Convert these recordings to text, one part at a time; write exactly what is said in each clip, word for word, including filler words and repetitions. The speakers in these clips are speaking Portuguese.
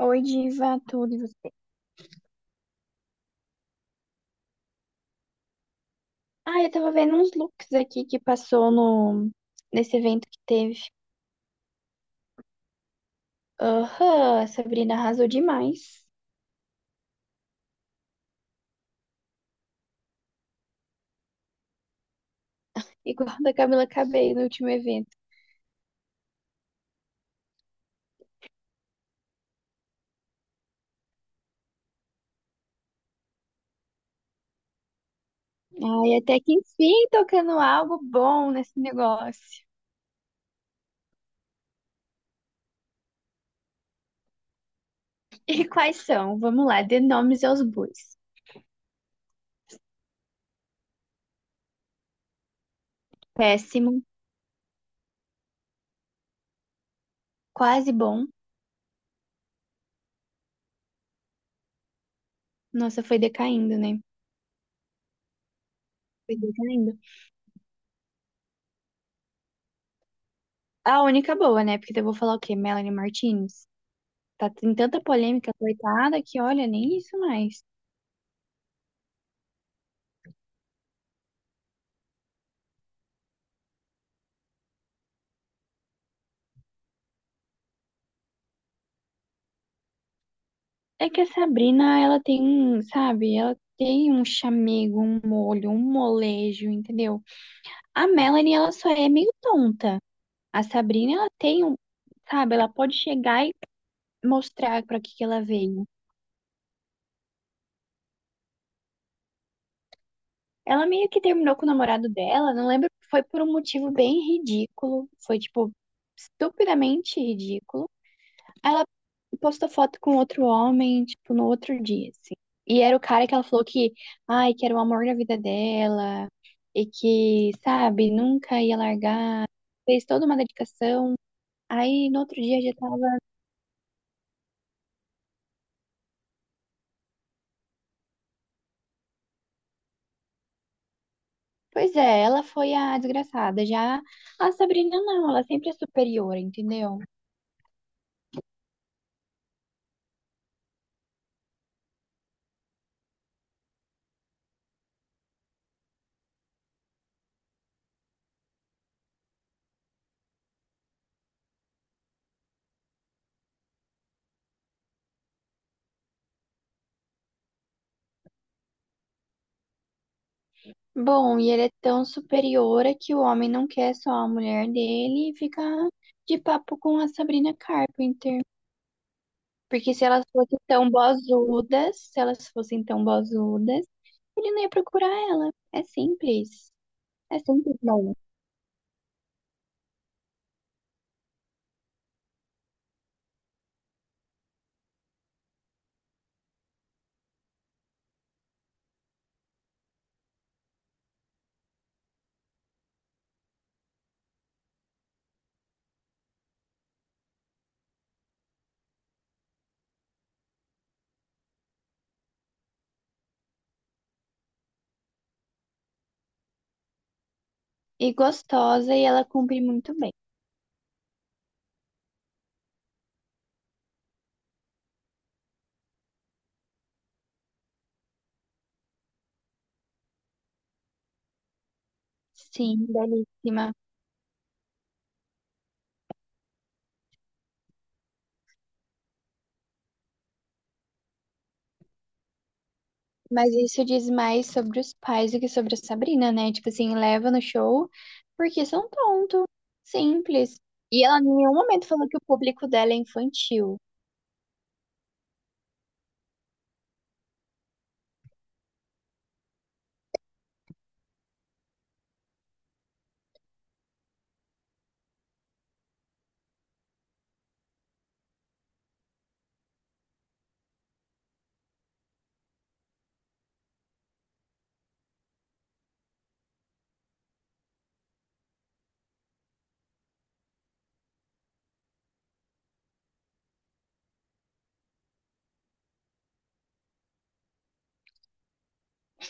Oi, Diva, tudo e você? Ah, eu tava vendo uns looks aqui que passou no nesse evento que teve. Aham, a Sabrina arrasou demais. Igual a da Camila Cabello no último evento. Ai, até que enfim, tocando algo bom nesse negócio. E quais são? Vamos lá, dê nomes aos bois. Péssimo, quase bom. Nossa, foi decaindo, né? Foi decaindo. A única boa, né? Porque eu vou falar o quê? Melanie Martinez? Tá em tanta polêmica, coitada, que olha, nem isso mais. É que a Sabrina, ela tem, um, sabe, ela tem um chamego, um molho, um molejo, entendeu? A Melanie, ela só é meio tonta. A Sabrina, ela tem um, sabe, ela pode chegar e mostrar pra que que ela veio. Ela meio que terminou com o namorado dela, não lembro, foi por um motivo bem ridículo, foi tipo estupidamente ridículo. Ela postou foto com outro homem, tipo, no outro dia, assim. E era o cara que ela falou que, ai, que era o amor da vida dela, e que, sabe, nunca ia largar. Fez toda uma dedicação. Aí no outro dia já tava. Pois é, ela foi a desgraçada. Já a Sabrina não, ela sempre é superior, entendeu? Bom, e ele é tão superior é que o homem não quer só a mulher dele e fica de papo com a Sabrina Carpenter. Porque se elas fossem tão bozudas, se elas fossem tão bozudas, ele não ia procurar ela. É simples. É simples, não. E gostosa, e ela cumpre muito bem. Sim, belíssima. Mas isso diz mais sobre os pais do que sobre a Sabrina, né? Tipo assim, leva no show porque são tonto. Simples. E ela em nenhum momento falou que o público dela é infantil.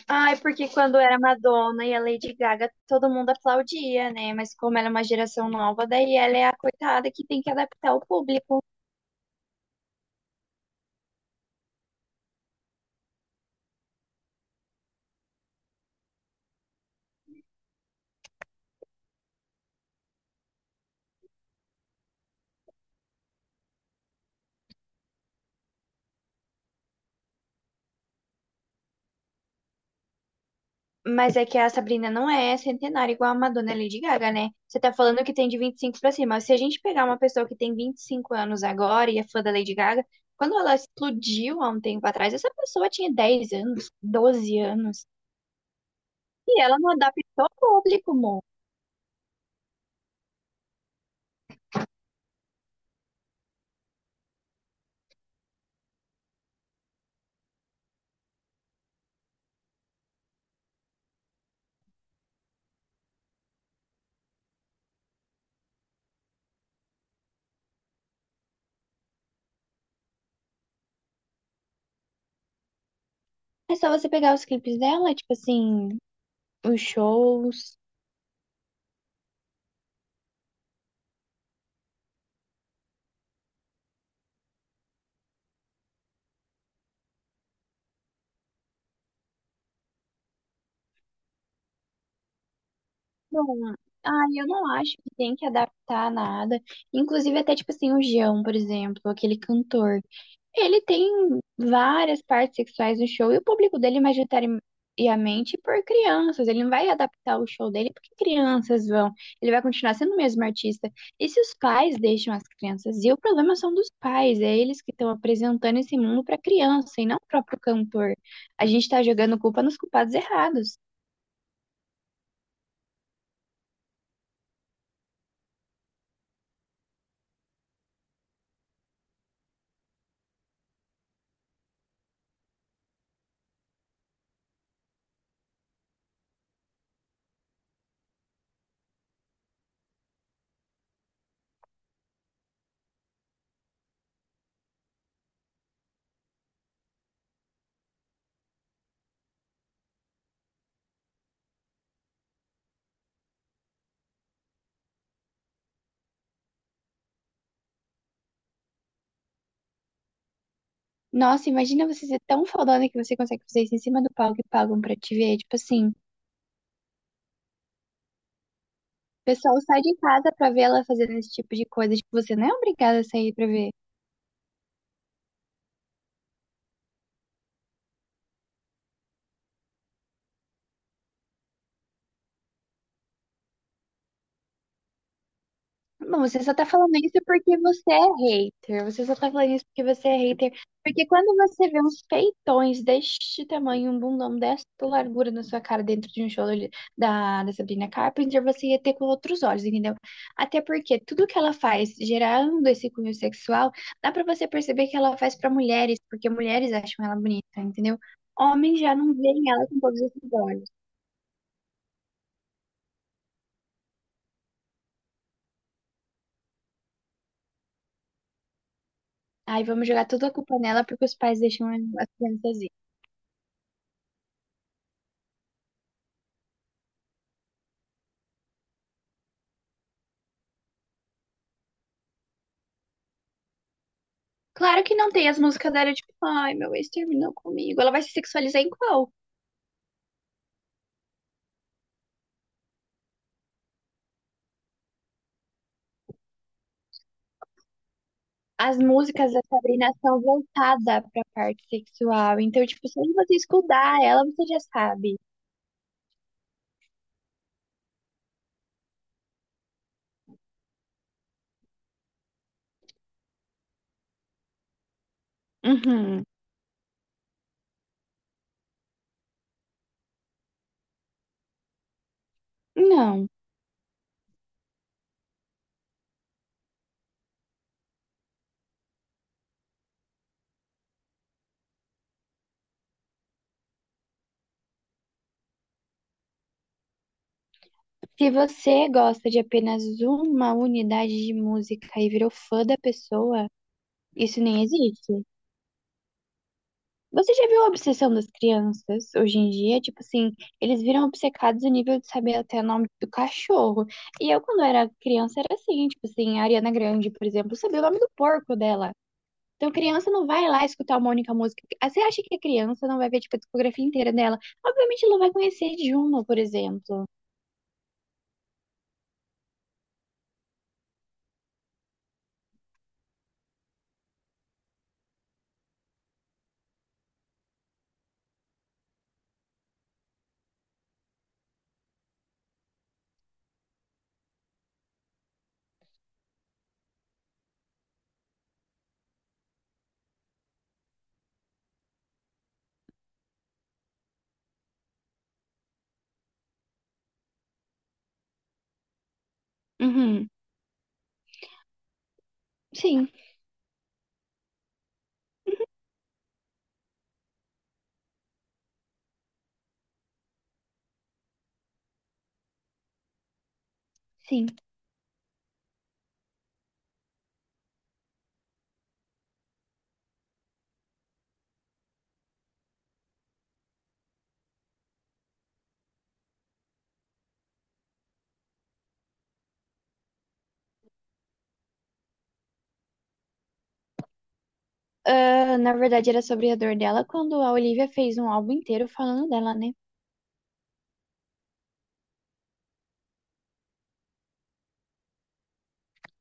Ai, porque quando era Madonna e a Lady Gaga, todo mundo aplaudia, né? Mas como ela é uma geração nova, daí ela é a coitada que tem que adaptar o público. Mas é que a Sabrina não é centenária igual a Madonna e a Lady Gaga, né? Você tá falando que tem de vinte e cinco pra cima. Se a gente pegar uma pessoa que tem vinte e cinco anos agora e é fã da Lady Gaga, quando ela explodiu há um tempo atrás, essa pessoa tinha dez anos, doze anos. E ela não adaptou o público, amor. É só você pegar os clipes dela, tipo assim, os shows. Bom, ah, eu não acho que tem que adaptar nada. Inclusive, até tipo assim, o Jão, por exemplo, aquele cantor. Ele tem várias partes sexuais no show e o público dele, majoritariamente, por crianças. Ele não vai adaptar o show dele porque crianças vão. Ele vai continuar sendo o mesmo artista. E se os pais deixam as crianças? E o problema são dos pais, é eles que estão apresentando esse mundo para criança e não o próprio cantor. A gente tá jogando culpa nos culpados errados. Nossa, imagina você ser tão fodona que você consegue fazer isso em cima do palco e pagam pra te ver. Tipo assim, o pessoal sai de casa pra ver ela fazendo esse tipo de coisa. Tipo, você não é obrigada a sair pra ver. Bom, você só tá falando isso porque você é hater. Você só tá falando isso porque você é hater. Porque quando você vê uns peitões deste tamanho, um bundão desta largura na sua cara dentro de um show ali da, da Sabrina Carpenter, você ia ter com outros olhos, entendeu? Até porque tudo que ela faz gerando esse cunho sexual, dá pra você perceber que ela faz pra mulheres, porque mulheres acham ela bonita, entendeu? Homens já não veem ela com todos esses olhos. Aí vamos jogar toda a culpa nela porque os pais deixam as crianças. Claro que não tem as músicas dela, tipo, ai, meu ex terminou comigo. Ela vai se sexualizar em qual? As músicas da Sabrina são voltadas pra parte sexual. Então, tipo, se você escutar ela, você já sabe. Uhum. Não. Se você gosta de apenas uma unidade de música e virou fã da pessoa, isso nem existe. Você já viu a obsessão das crianças hoje em dia? Tipo assim, eles viram obcecados a nível de saber até o nome do cachorro. E eu, quando era criança, era assim, tipo assim, a Ariana Grande, por exemplo, sabia o nome do porco dela. Então, criança não vai lá escutar uma única música. Ah, você acha que a criança não vai ver, tipo, a discografia inteira dela? Obviamente, ela vai conhecer Juno, por exemplo. Uhum. Sim, sim. Ah, na verdade, era sobre a dor dela quando a Olivia fez um álbum inteiro falando dela, né?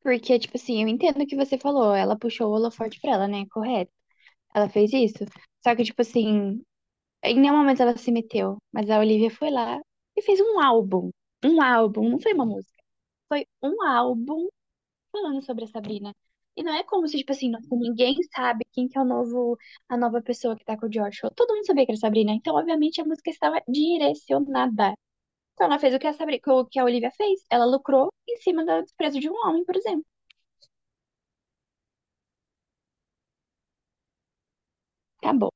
Porque, tipo assim, eu entendo o que você falou. Ela puxou o holofote pra ela, né? Correto. Ela fez isso. Só que, tipo assim, em nenhum momento ela se meteu. Mas a Olivia foi lá e fez um álbum. Um álbum, não foi uma música. Foi um álbum falando sobre a Sabrina. E não é como se, tipo assim, nossa, ninguém sabe quem que é o novo, a nova pessoa que tá com o George. Todo mundo sabia que era a Sabrina. Então, obviamente, a música estava direcionada. Então, ela fez o que a Sabrina, o que a Olivia fez. Ela lucrou em cima do desprezo de um homem, por exemplo. Acabou.